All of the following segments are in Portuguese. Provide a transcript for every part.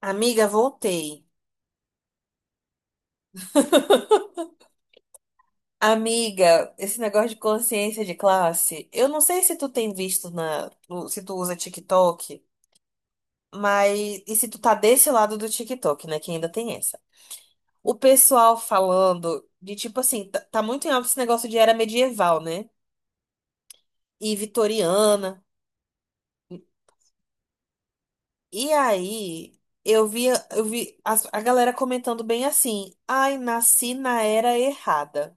Amiga, voltei. Amiga, esse negócio de consciência de classe, eu não sei se tu tem visto na, no- se tu usa TikTok, mas e se tu tá desse lado do TikTok, né, que ainda tem essa. O pessoal falando de tipo assim, tá muito em alta esse negócio de era medieval, né? E vitoriana. E aí, eu vi a galera comentando bem assim: "Ai, nasci na era errada".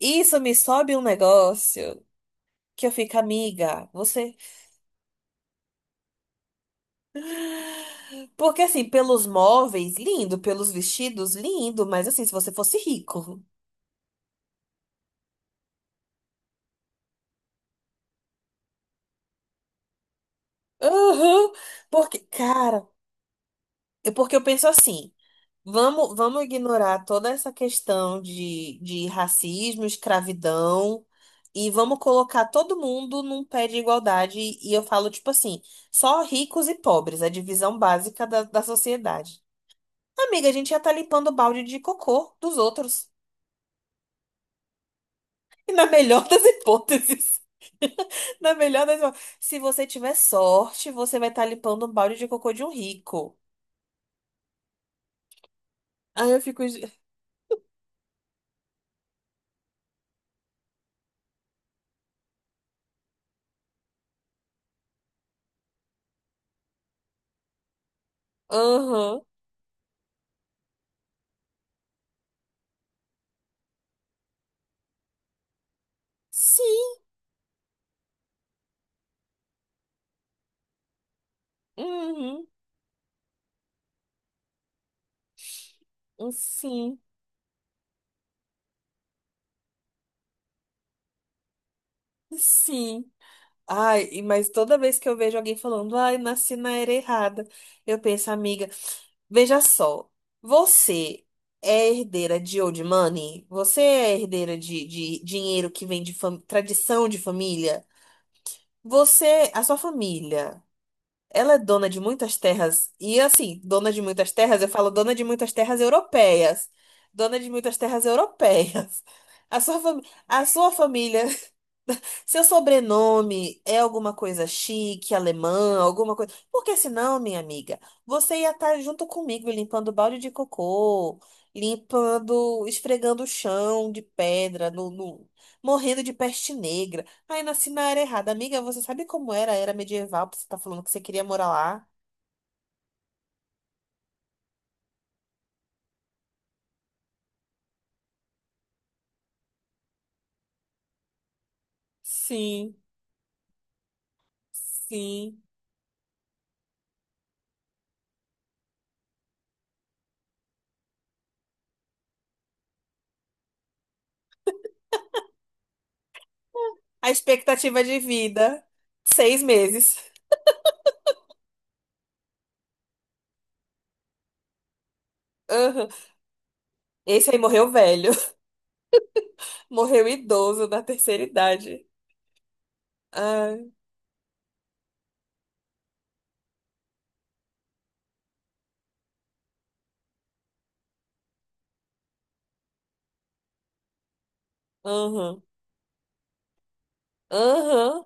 Isso me sobe um negócio que eu fico, amiga, você. Porque assim, pelos móveis, lindo, pelos vestidos, lindo, mas assim, se você fosse rico. Aham. Porque, cara, é porque eu penso assim, vamos ignorar toda essa questão de racismo, escravidão, e vamos colocar todo mundo num pé de igualdade, e eu falo, tipo assim, só ricos e pobres, a divisão básica da sociedade. Amiga, a gente já tá limpando o balde de cocô dos outros. E na melhor das hipóteses. Na melhor das hipóteses, se você tiver sorte, você vai estar limpando um balde de cocô de um rico. Aí eu fico. Aham. Sim. Uhum. Sim. Sim. Ai, mas toda vez que eu vejo alguém falando, ai, nasci na era errada, eu penso, amiga, veja só. Você é herdeira de old money? Você é herdeira de dinheiro que vem de tradição de família? Você, a sua família. Ela é dona de muitas terras. E assim, dona de muitas terras, eu falo dona de muitas terras europeias. Dona de muitas terras europeias. A a sua família, seu sobrenome é alguma coisa chique, alemã, alguma coisa. Porque senão, minha amiga, você ia estar junto comigo limpando balde de cocô, limpando, esfregando o chão de pedra, morrendo de peste negra. Aí nasci na área errada. Amiga, você sabe como era a era medieval? Você tá falando que você queria morar lá? Sim, sim. A expectativa de vida, 6 meses. Aham. Esse aí morreu velho. Morreu idoso da terceira idade. Ai, aham. Aham.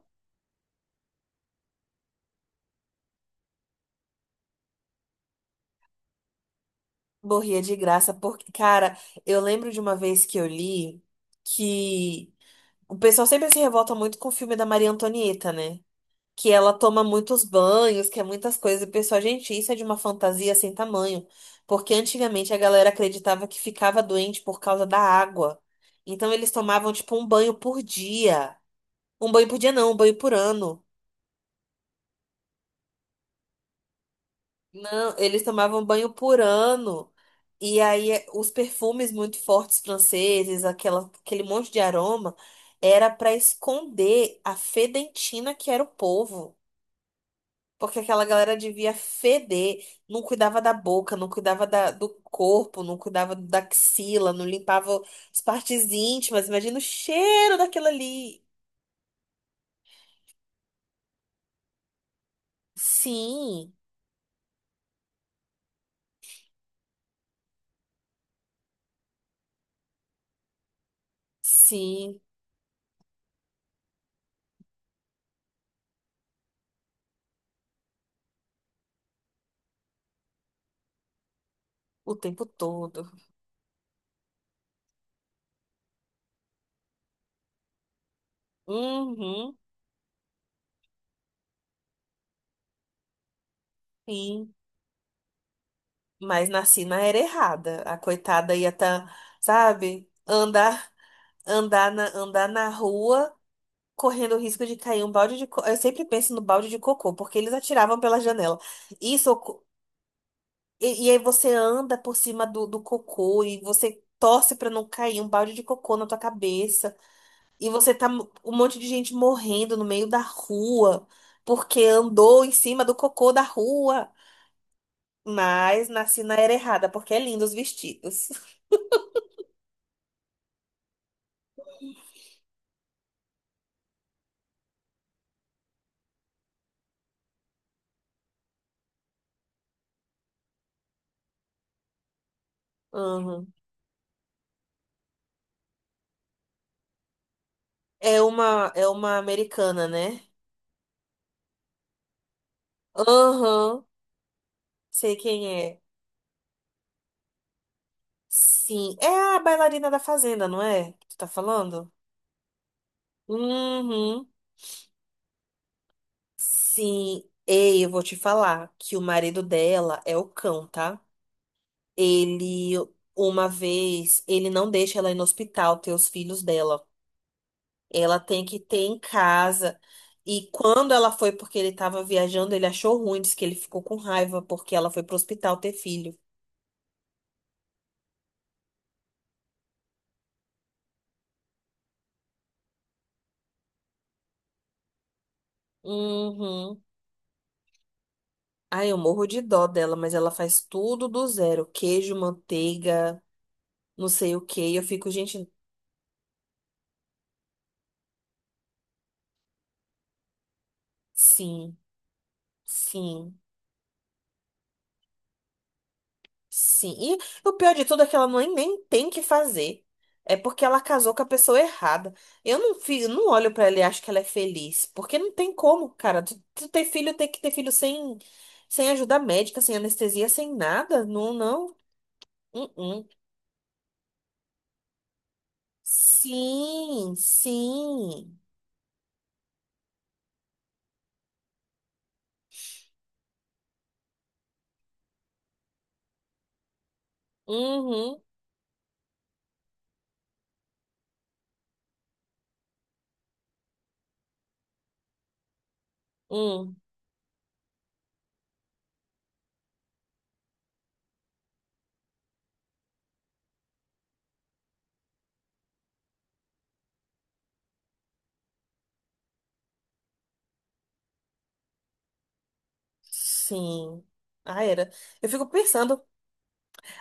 Morria de graça, porque, cara, eu lembro de uma vez que eu li que o pessoal sempre se revolta muito com o filme da Maria Antonieta, né? Que ela toma muitos banhos, que é muitas coisas. E pessoal, gente, isso é de uma fantasia sem tamanho. Porque antigamente a galera acreditava que ficava doente por causa da água. Então eles tomavam, tipo, um banho por dia. Um banho por dia não, um banho por ano. Não, eles tomavam banho por ano. E aí os perfumes muito fortes franceses, aquele monte de aroma, era para esconder a fedentina que era o povo. Porque aquela galera devia feder, não cuidava da boca, não cuidava do corpo, não cuidava da axila, não limpava as partes íntimas. Imagina o cheiro daquilo ali. Sim, sim, o tempo todo. Uhum, sim. Mas nasci na era errada. A coitada ia estar, sabe, andar, andar na rua. Correndo o risco de cair um balde de. Eu sempre penso no balde de cocô, porque eles atiravam pela janela. Isso. E aí você anda por cima do cocô e você torce pra não cair um balde de cocô na tua cabeça. E você tá um monte de gente morrendo no meio da rua porque andou em cima do cocô da rua. Mas nasci na era errada, porque é lindo os vestidos. Uhum. É uma americana, né? Aham, sei quem é. Sim, é a bailarina da Fazenda, não é? Que tu tá falando? Uhum. Sim, ei, eu vou te falar que o marido dela é o cão, tá? Ele, uma vez, ele não deixa ela ir no hospital ter os filhos dela. Ela tem que ter em casa. E quando ela foi, porque ele tava viajando, ele achou ruim, disse que ele ficou com raiva porque ela foi pro hospital ter filho. Uhum. Ai, eu morro de dó dela, mas ela faz tudo do zero. Queijo, manteiga, não sei o quê. E eu fico, gente, sim, sim. Sim, e o pior de tudo é que ela nem tem que fazer. É porque ela casou com a pessoa errada. Eu eu não olho pra ela e acho que ela é feliz. Porque não tem como, cara. Tu ter filho, tem que ter filho sem, sem ajuda médica, sem anestesia, sem nada. Não, não. Hum, hum. Sim, sim. Uhum, hum. Sim. Ah, era. Eu fico pensando,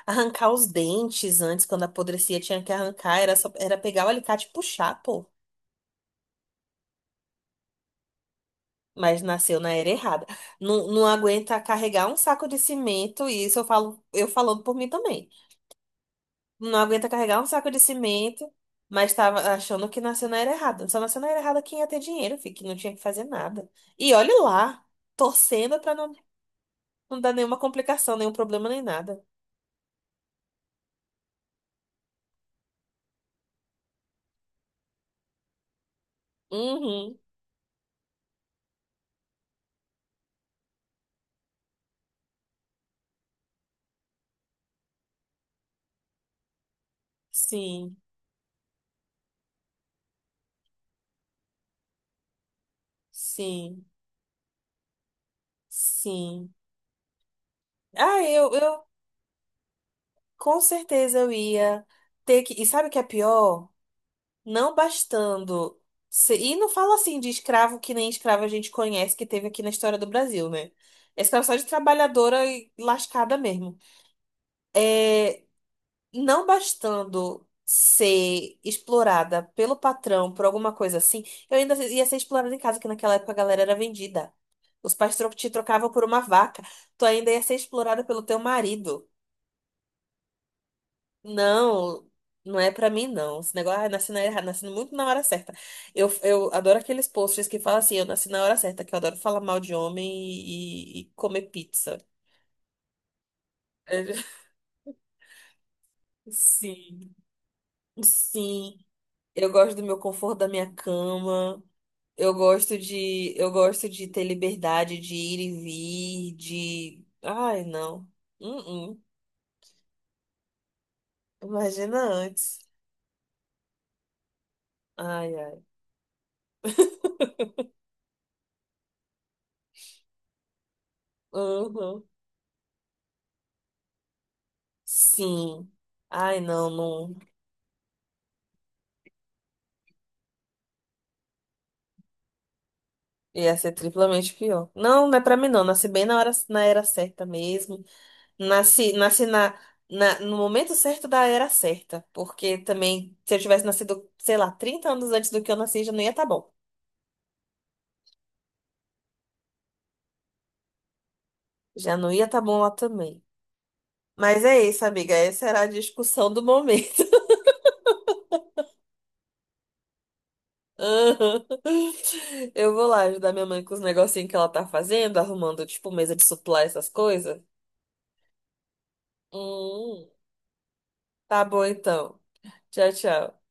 arrancar os dentes antes, quando apodrecia, tinha que arrancar. Era só, era pegar o alicate e puxar, pô. Mas nasceu na era errada. Não, não aguenta carregar um saco de cimento, e isso eu falo, eu falando por mim também. Não aguenta carregar um saco de cimento, mas estava achando que nasceu na era errada. Só nasceu na era errada quem ia ter dinheiro, fi, que não tinha que fazer nada. E olhe lá, torcendo pra não dar nenhuma complicação, nenhum problema, nem nada. Uhum. Sim, sim, sim. Ah, eu com certeza eu ia ter que. E sabe o que é pior? Não bastando. E não falo assim de escravo que nem escravo a gente conhece, que teve aqui na história do Brasil, né? É escravo só de trabalhadora e lascada mesmo. É, não bastando ser explorada pelo patrão por alguma coisa assim, eu ainda ia ser explorada em casa, que naquela época a galera era vendida. Os pais te trocavam por uma vaca. Tu ainda ia ser explorada pelo teu marido. Não, não é pra mim, não. Esse negócio, ah, nasci na errada, nasci muito na hora certa. Eu adoro aqueles posts que falam assim, eu nasci na hora certa, que eu adoro falar mal de homem e comer pizza. É, sim. Sim, eu gosto do meu conforto da minha cama. Eu gosto eu gosto de ter liberdade de ir e vir, de... Ai, não. Uh -uh. Imagina antes. Ai, ai. Uhum. Sim. Ai, não, não. Ia ser triplamente pior. Não, não é pra mim não. Nasci bem na hora, na era certa mesmo. Nasci no momento certo da era certa. Porque também, se eu tivesse nascido, sei lá, 30 anos antes do que eu nasci, já não ia estar bom. Já não ia estar bom lá também. Mas é isso, amiga. Essa era a discussão do momento. Aham. Eu vou lá ajudar minha mãe com os negocinhos que ela tá fazendo, arrumando, tipo, mesa de suplá, essas coisas. Hum, tá bom então. Tchau, tchau.